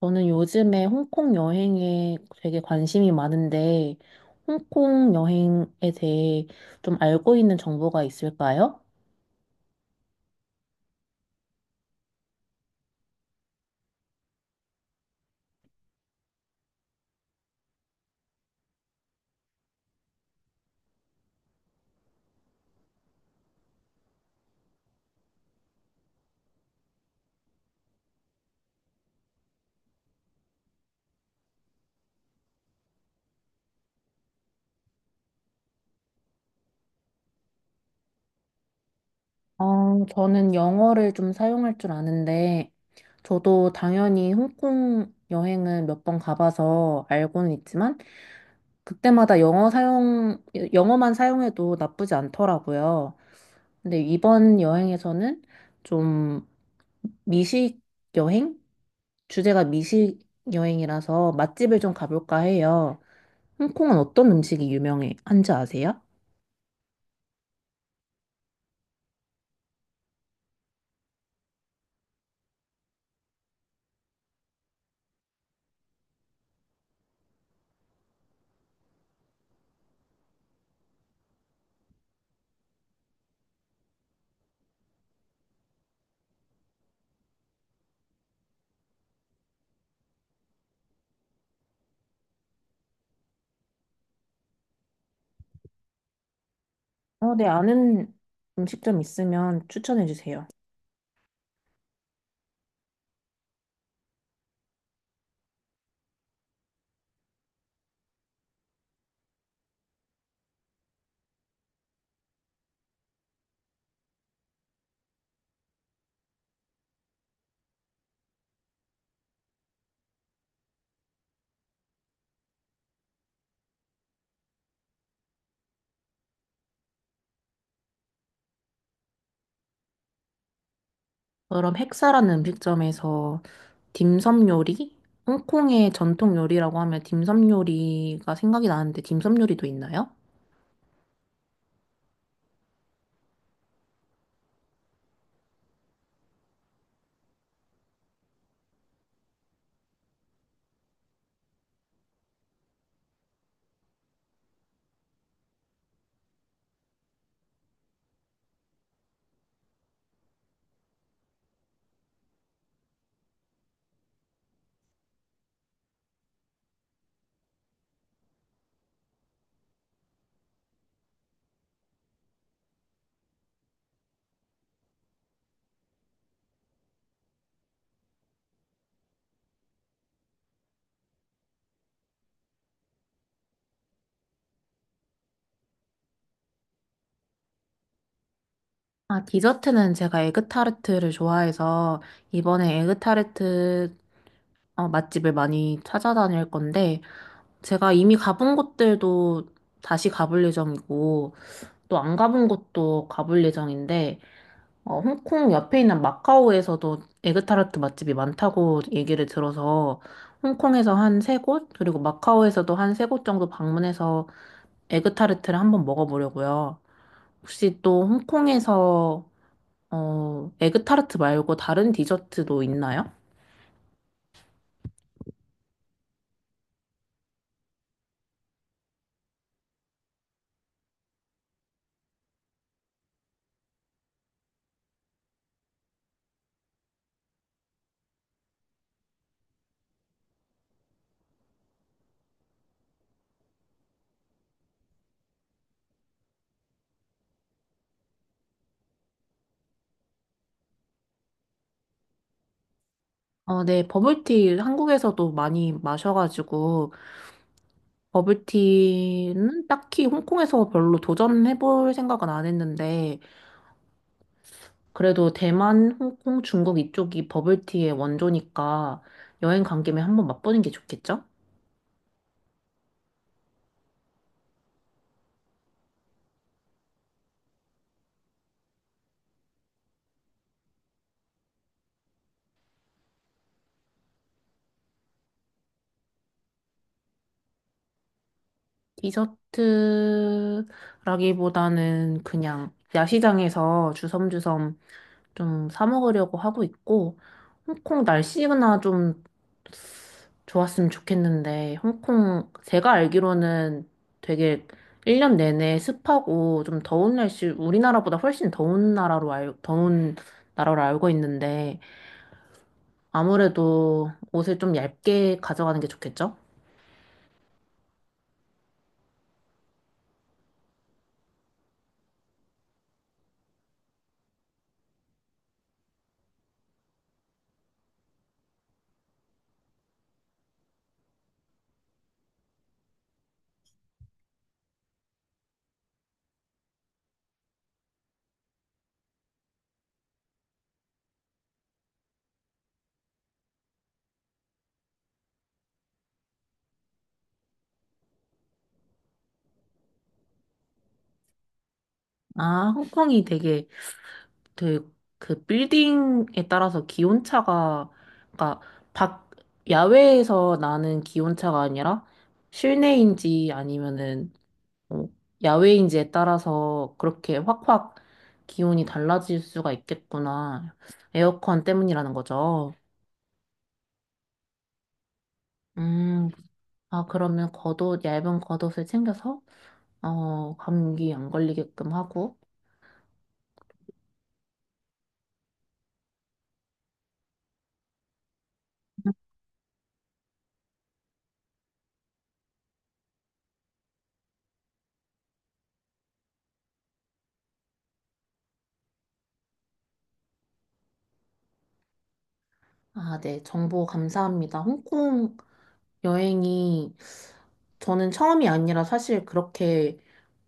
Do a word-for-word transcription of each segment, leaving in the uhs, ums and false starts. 저는 요즘에 홍콩 여행에 되게 관심이 많은데, 홍콩 여행에 대해 좀 알고 있는 정보가 있을까요? 어, 저는 영어를 좀 사용할 줄 아는데, 저도 당연히 홍콩 여행은 몇 번 가봐서 알고는 있지만, 그때마다 영어 사용, 영어만 사용해도 나쁘지 않더라고요. 근데 이번 여행에서는 좀 미식 여행? 주제가 미식 여행이라서 맛집을 좀 가볼까 해요. 홍콩은 어떤 음식이 유명한지 아세요? 어, 네, 아는 음식점 있으면 추천해 주세요. 그럼 핵사라는 음식점에서 딤섬 요리? 홍콩의 전통 요리라고 하면 딤섬 요리가 생각이 나는데 딤섬 요리도 있나요? 아, 디저트는 제가 에그타르트를 좋아해서 이번에 에그타르트 어, 맛집을 많이 찾아다닐 건데 제가 이미 가본 곳들도 다시 가볼 예정이고, 또 안 가본 곳도 가볼 예정인데, 어, 홍콩 옆에 있는 마카오에서도 에그타르트 맛집이 많다고 얘기를 들어서, 홍콩에서 한 세 곳, 그리고 마카오에서도 한 세 곳 정도 방문해서 에그타르트를 한번 먹어보려고요. 혹시 또 홍콩에서, 어, 에그타르트 말고 다른 디저트도 있나요? 어, 네, 버블티 한국에서도 많이 마셔가지고, 버블티는 딱히 홍콩에서 별로 도전해볼 생각은 안 했는데, 그래도 대만, 홍콩, 중국 이쪽이 버블티의 원조니까 여행 간 김에 한번 맛보는 게 좋겠죠? 디저트라기보다는 그냥 야시장에서 주섬주섬 좀 사 먹으려고 하고 있고, 홍콩 날씨나 좀 좋았으면 좋겠는데, 홍콩, 제가 알기로는 되게 일 년 내내 습하고 좀 더운 날씨, 우리나라보다 훨씬 더운 나라로 알, 더운 나라로 알고 있는데, 아무래도 옷을 좀 얇게 가져가는 게 좋겠죠? 아, 홍콩이 되게 그, 그 빌딩에 따라서 기온차가, 그러니까 밖, 야외에서 나는 기온차가 아니라 실내인지 아니면은 어, 야외인지에 따라서 그렇게 확확 기온이 달라질 수가 있겠구나. 에어컨 때문이라는 거죠. 음, 아, 그러면 겉옷, 얇은 겉옷을 챙겨서, 어, 감기 안 걸리게끔 하고. 아, 네, 정보 감사합니다. 홍콩 여행이 저는 처음이 아니라 사실 그렇게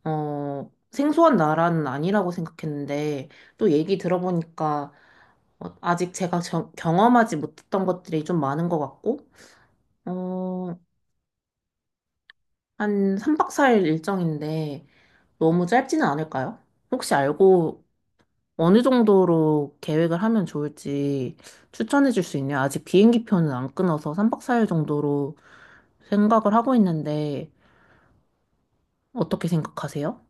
어, 생소한 나라는 아니라고 생각했는데, 또 얘기 들어보니까, 어, 아직 제가 저- 경험하지 못했던 것들이 좀 많은 것 같고, 어, 한 삼 박 사 일 일정인데, 너무 짧지는 않을까요? 혹시 알고 어느 정도로 계획을 하면 좋을지 추천해 줄 수 있나요? 아직 비행기 표는 안 끊어서 삼 박 사 일 정도로 생각을 하고 있는데, 어떻게 생각하세요?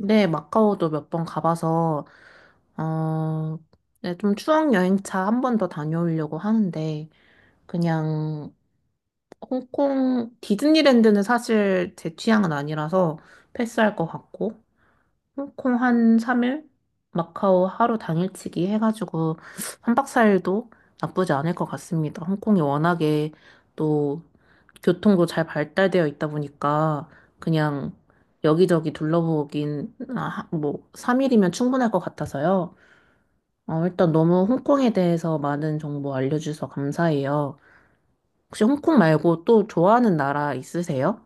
네, 마카오도 몇 번 가봐서, 어, 네, 좀 추억 여행차 한 번 더 다녀오려고 하는데, 그냥 홍콩, 디즈니랜드는 사실 제 취향은 아니라서 패스할 것 같고, 홍콩 한 삼 일? 마카오 하루 당일치기 해가지고 한박사일도 나쁘지 않을 것 같습니다. 홍콩이 워낙에 또 교통도 잘 발달되어 있다 보니까 그냥 여기저기 둘러보긴 아, 뭐 삼 일이면 충분할 것 같아서요. 어, 일단 너무 홍콩에 대해서 많은 정보 알려주셔서 감사해요. 혹시 홍콩 말고 또 좋아하는 나라 있으세요?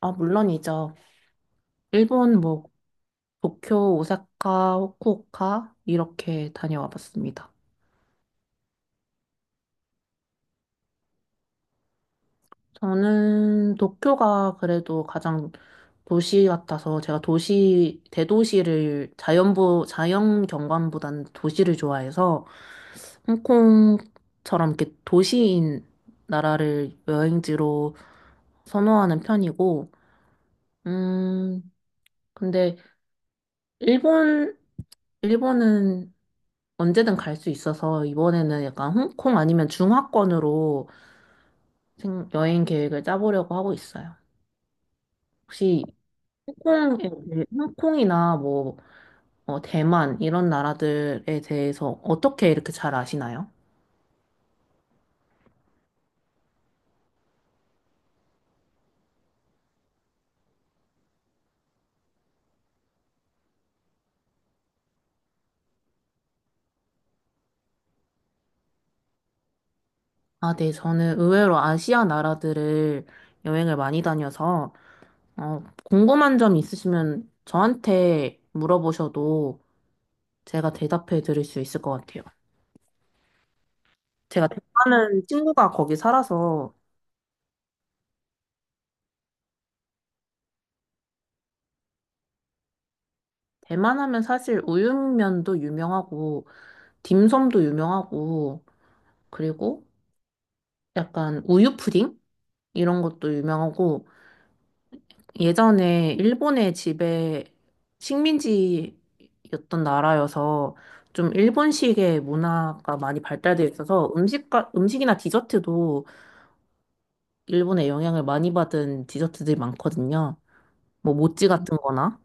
아, 물론이죠. 일본 뭐 도쿄, 오사카, 후쿠오카 이렇게 다녀와 봤습니다. 저는 도쿄가 그래도 가장 도시 같아서 제가 도시, 대도시를 자연보, 자연 경관보다는 도시를 좋아해서 홍콩처럼 이렇게 도시인 나라를 여행지로 선호하는 편이고, 음, 근데 일본, 일본은 언제든 갈 수 있어서 이번에는 약간 홍콩 아니면 중화권으로 생- 여행 계획을 짜보려고 하고 있어요. 혹시 홍콩에, 대해- 홍콩이나 뭐 어, 대만 이런 나라들에 대해서 어떻게 이렇게 잘 아시나요? 아, 네, 저는 의외로 아시아 나라들을 여행을 많이 다녀서 어, 궁금한 점 있으시면 저한테 물어보셔도 제가 대답해 드릴 수 있을 것 같아요. 제가 대만은 친구가 거기 살아서 대만 하면 사실 우육면도 유명하고 딤섬도 유명하고 그리고 약간 우유 푸딩? 이런 것도 유명하고 예전에 일본의 집에 식민지였던 나라여서 좀 일본식의 문화가 많이 발달되어 있어서 음식과, 음식이나 디저트도 일본의 영향을 많이 받은 디저트들이 많거든요. 뭐 모찌 같은 거나.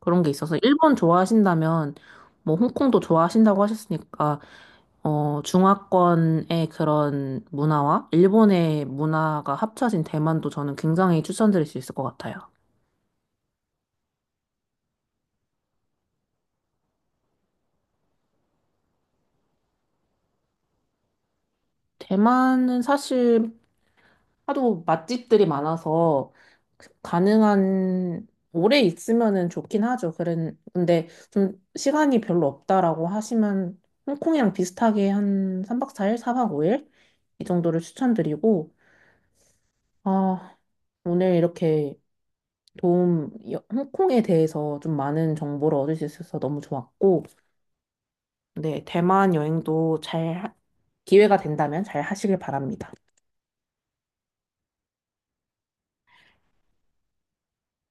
그런 게 있어서 일본 좋아하신다면 뭐 홍콩도 좋아하신다고 하셨으니까 어, 중화권의 그런 문화와 일본의 문화가 합쳐진 대만도 저는 굉장히 추천드릴 수 있을 것 같아요. 대만은 사실 하도 맛집들이 많아서 가능한 오래 있으면은 좋긴 하죠. 그런 근데 좀 시간이 별로 없다라고 하시면 홍콩이랑 비슷하게 한 삼 박 사 일, 사 박 오 일 이 정도를 추천드리고 아, 오늘 이렇게 도움, 여- 홍콩에 대해서 좀 많은 정보를 얻을 수 있어서 너무 좋았고, 네, 대만 여행도 잘, 하- 기회가 된다면 잘 하시길 바랍니다.